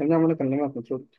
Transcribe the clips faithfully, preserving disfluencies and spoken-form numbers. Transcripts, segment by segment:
يا ابني عمال اكلمك مترد.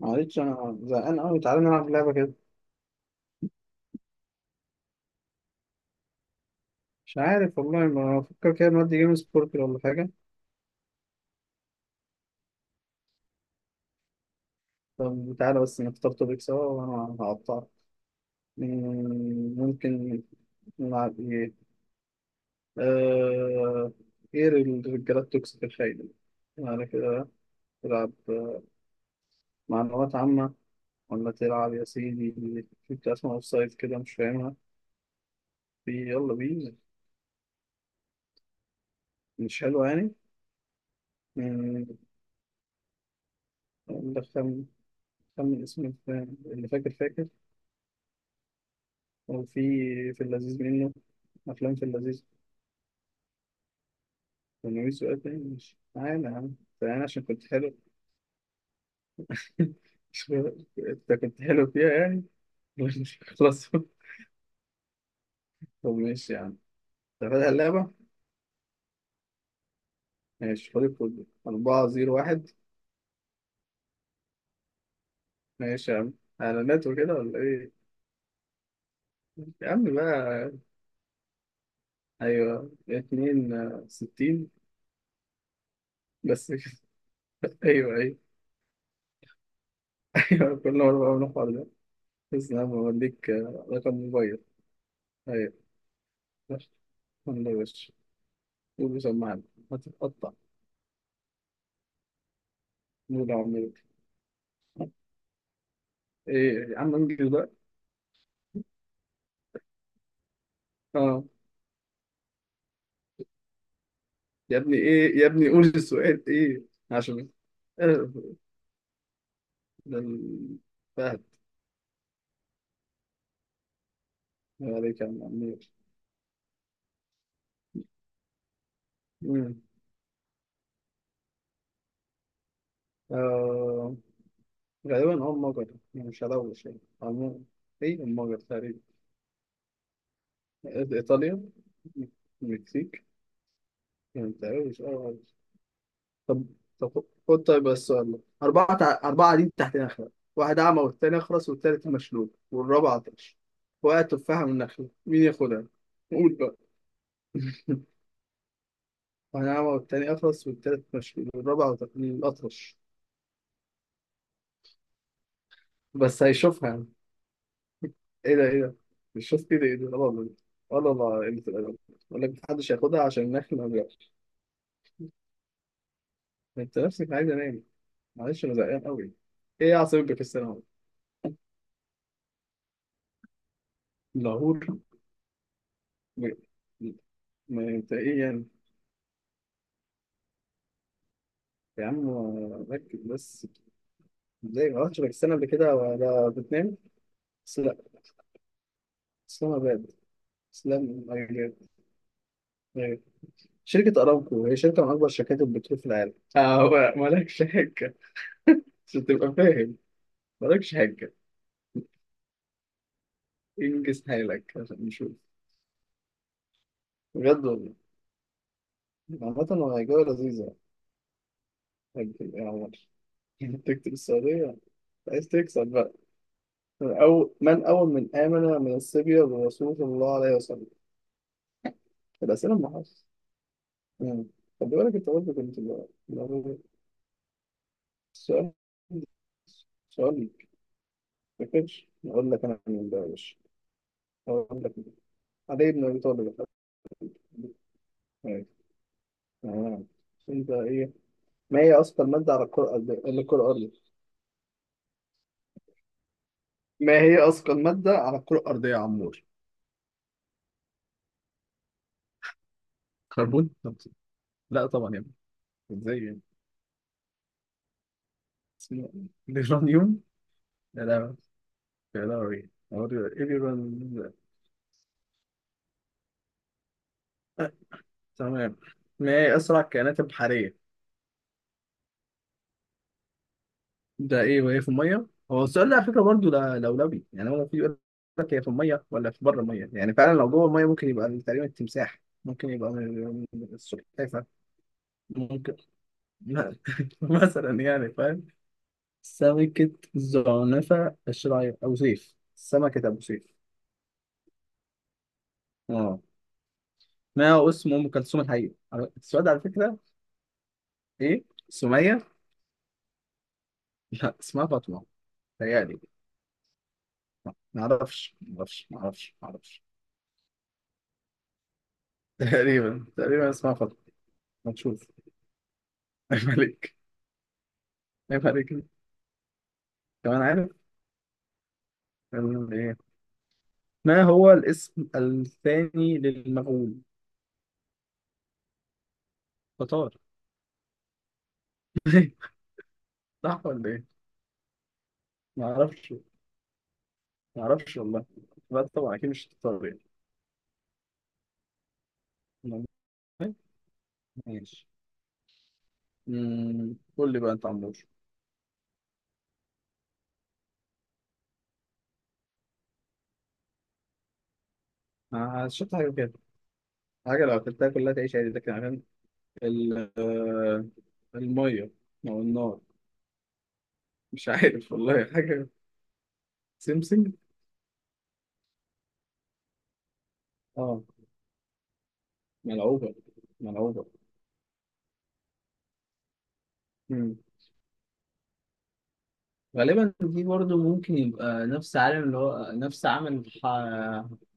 معلش انا زهقان قوي، تعالى نلعب لعبه كده. مش عارف والله، ما بفكر كده. نودي جيم سبوركل ولا حاجه؟ طب تعالى بس نختار توبيك سوا وانا هقطعك. مم، ممكن. نلعب ايه؟ آه... ايه الرجاله التوكسيك الخاينه، يعني كده. تلعب آه، معلومات عامه؟ ولا تلعب يا سيدي في بتاع اسمها اوف سايد كده مش فاهمها؟ في، يلا بينا. مش حلوه يعني؟ مم، ندخل. خمن اسم الفيلم، اللي فاكر فاكر. هو في، في اللذيذ منه، أفلام في اللذيذ. كان ناوي سؤال تاني، مش تعالى يا عم. تعالى عشان كنت حلو. مش- أنت كنت حلو فيها يعني. مش خلاص. طب ماشي يا عم. أنت فاتح اللعبة؟ ماشي، خد الكود أربعة زيرو واحد. ماشي يا عم. إعلانات وكده ولا إيه؟ يا عم بقى. أيوه اتنين آه، ستين. بس كده. أيوه، أيوه. أيوه، كل مرة بعمل الحوار ده. بس أنا بوديك آه، رقم موبايل. أيوه. والله يا باشا، قول سمعني. هتتقطع. قول يا عم إنجليزي. إيه يا عم، انجز بقى. اه يا ابني، ايه يا ابني، قول السؤال ايه. عشان آه، ده ال- فهد. الله عليك يا عم عمير. مم. آه، غالبا اه مجر. يعني مش هلوش يعني، عموما. ايه المجر تقريبا. إيطاليا. المكسيك. يعني متهيأليش اه. طب طب خد، طيب بس السؤال ده، أربعة تع... أربعة قاعدين تحت نخلة. واحد أعمى، والتاني أخرس، والتالت مشلول، والرابع عطش. وقعت تفاحة من نخلة، مين ياخدها؟ قول بقى. واحد أعمى، والتاني أخرس، والتالت مشلول، والرابع عط- الأطرش. بس هيشوفها يعني. إيه ده، إيه ده؟ مش شوف كده، إيه ده؟ لا والله. ولا والله، قلة الأدب. يقول لك محدش هياخدها عشان النخل ما بيعرفش. أنت نفسك عايز أنام. معلش أنا زهقان أوي. إيه يا عصبية السنة؟ لاهور. م- م- ما أنت إيه يعني؟ يا عم ركز بس. زي ما قلتش لك السنة قبل كده، ولا بتنام. بس لا. اسلام أباد، اسلام أباد. أيوة. شركة أرامكو هي شركة من أكبر شركات البترول في العالم، آه هو مالكش حجة. عشان تبقى فاهم، مالكش حجة. انجز حالك عشان نشوف. بجد والله. عامة هو جولة لذيذة. هتجيب ايه يا عمر؟ تكتب السعودية. عايز تكسب بقى. أو من أول من آمن من الصبية برسول الله عليه وسلم. الأسئلة المحاصصة. مم. خد بالك انت برضه كنت ب- لو. السؤال سؤال. ما كانش اقول لك انا من ده يا باشا، اقول لك علي بن ابي طالب. أيوة. تمام. انت ايه؟ ما هي اثقل ماده على الكره الارضيه، على الكره الارضيه ما هي اثقل ماده على الكره الارضيه يا عمور؟ كربون؟ طب- لا طبعا يا ابني، ازاي يعني. اسمه اليورانيوم. لا لا، لا لا، ايه اليورانيوم ده؟ تمام. ما هي اسرع الكائنات البحريه؟ ده ايه وايه في الميه؟ هو السؤال ده على فكره برضه لا- لولبي يعني. هو في يقول لك، هي في الميه ولا في بره الميه؟ يعني فعلا لو جوه الميه ممكن يبقى تقريبا التمساح، ممكن يبقى من- من السلحفاه. ممكن. مثلا يعني، فاهم. سمكة زعنفة الشراعية أبو سيف، سمكة أبو سيف. اه. ما هو اسم أم كلثوم الحقيقي على- السؤال ده على فكرة. إيه، سمية؟ لا، اسمها فاطمة، تهيألي. معرفش، معرفش، معرفش، معرفش. تقريبا، تقريبا اسمها فاطمة. هنشوف. ملك. ينفع دي كده؟ كمان عارف كان ايه. ما هو الاسم الثاني للمغول؟ تتار. صح ولا ايه؟ ما اعرفش، ما اعرفش والله. لا طبعا، اكيد مش تتار يعني. ماشي. أمم، قول لي بقى انت عمور. آه، شفت حاجه كده. حاجه لو اكلتها كلها تعيش عادي، لكن عشان ال- آه، الميه او النار. مش عارف والله حاجه. سمسم. اه. ملعوبه، ملعوبه. غالبا دي برضه ممكن يبقى نفس عالم، اللي هو نفس عمل الح...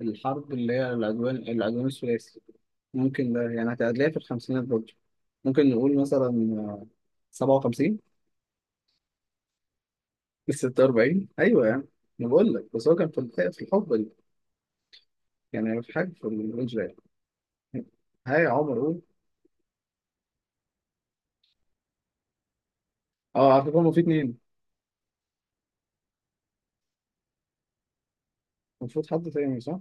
الحرب، اللي هي العدوان العدوان الثلاثي. ممكن ده يعني هتلاقيها في الخمسينات برضه، ممكن نقول مثلا سبعة وخمسين، ستة وأربعين، أيوة يعني. أنا بقول لك بس، هو كان في الح- في الحقبة دي، يعني في حاجة في الرينج ده يعني. هاي يا عمر، قول. اه، على فكرة هما في اتنين. المفروض حد تاني صح؟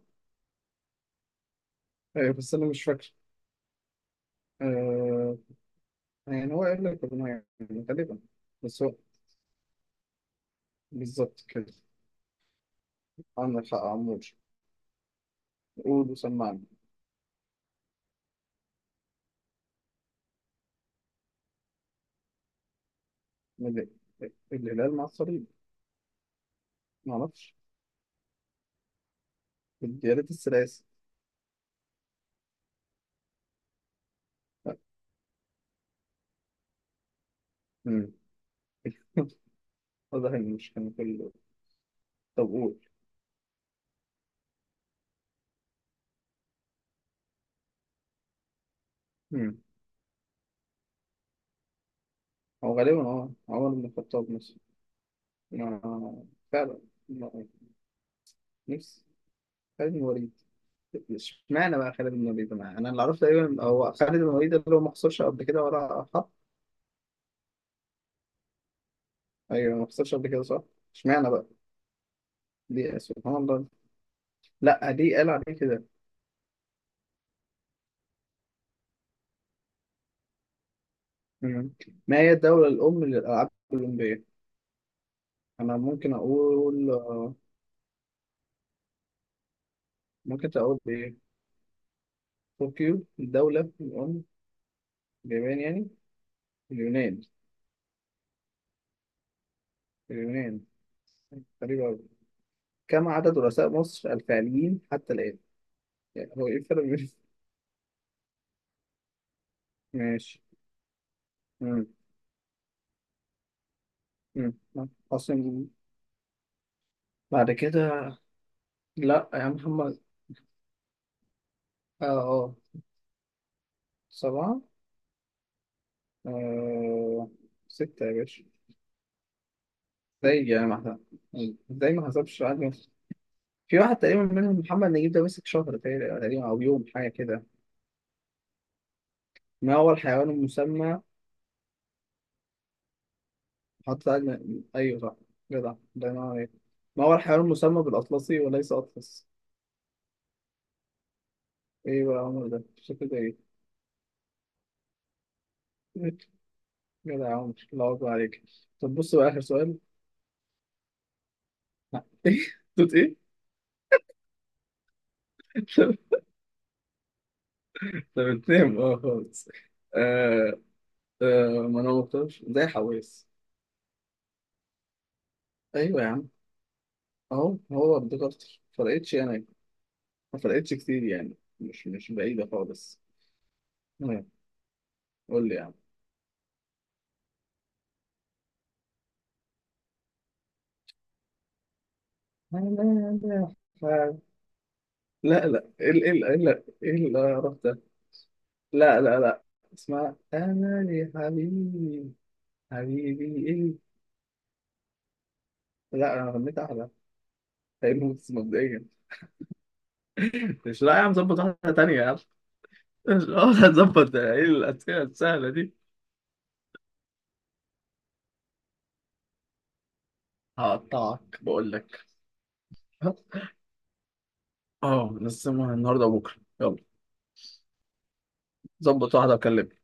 أيوة بس أنا مش فاكر. آه، يعني هو قال لك ربنا يعني. غالبا، بس هو بالظبط كده. عندك حق يا عمور. قول وسمعني. ال- الهلال مع الصليب. ما اعرفش. الديالات الثلاثي. لا. مم. واضح ان مش كان كله. طب قول. مم. هو غالبا اه عمر بن الخطاب مثلا. ما، فعلا، ما- نفس خالد بن الوليد. اشمعنى بقى خالد بن الوليد، انا أنا اللي اعرفه، تقريبا هو خالد بن الوليد اللي هو ما خسرش قبل كده، ولا حط. ايوه، ما خسرش قبل كده صح. اشمعنى بقى؟ دي سبحان الله. لا، دي قال عليه كده. مم. ما هي الدولة الأم للألعاب الأولمبية؟ أنا ممكن أقول آه، ممكن أقول إيه. طوكيو الدولة الأم؟ اليابان يعني؟ اليونان. اليونان. غريبة أوي. كم عدد رؤساء مصر الفعليين حتى الآن؟ يعني هو إيه الفرق بين. ماشي. مم. مم. عاصم. بعد كده. لا يا محمد. آه، آه، سبعة. آه، ستة يا باشا. ازاي يعني ما حسب. ازاي ما حسبش عدد. في واحد تقريبا منهم محمد نجيب، ده مسك شهر تقريبا، تقريباً، أو يوم حاجة كده. ما هو الحيوان المسمى، حط أجمل، أيوه صح، جدع الله ينور عليك. ما هو الحيوان المسمى بالأطلسي وليس أطلس؟ إيه بقى يا عمر ده؟ شكله ده إيه؟ جدع يا عمر، الله أكبر عليك. طب بص بقى آخر سؤال. إيه؟ توت إيه؟ طب. طب بتنام أه خالص. آه، آه. ما أنا مختارش زي حواس. أيوه يا عم. أهو، هو افتكرت، فرقتش أنا. ما فرقتش كتير يعني، مش مش بعيدة خالص. تمام. قول لي يا عم. لا، لا، لا. لا، لا، لا، ايه ال- ايه ال- ايه ال- ايه اللي رحت. لا، لا، لا. اسمع أمل حبيبي. حبيبي إيه؟ لا أنا غنيت أحلى، تقريبا بس مبدئيا. مش، لا يا عم، ظبط واحدة تانية يا عم. مش قادر، هتظبط إيه الأسئلة السهلة دي. هقطعك بقول لك. أه، نقسمها النهاردة وبكرة. يلا. ظبط واحدة وكلمني.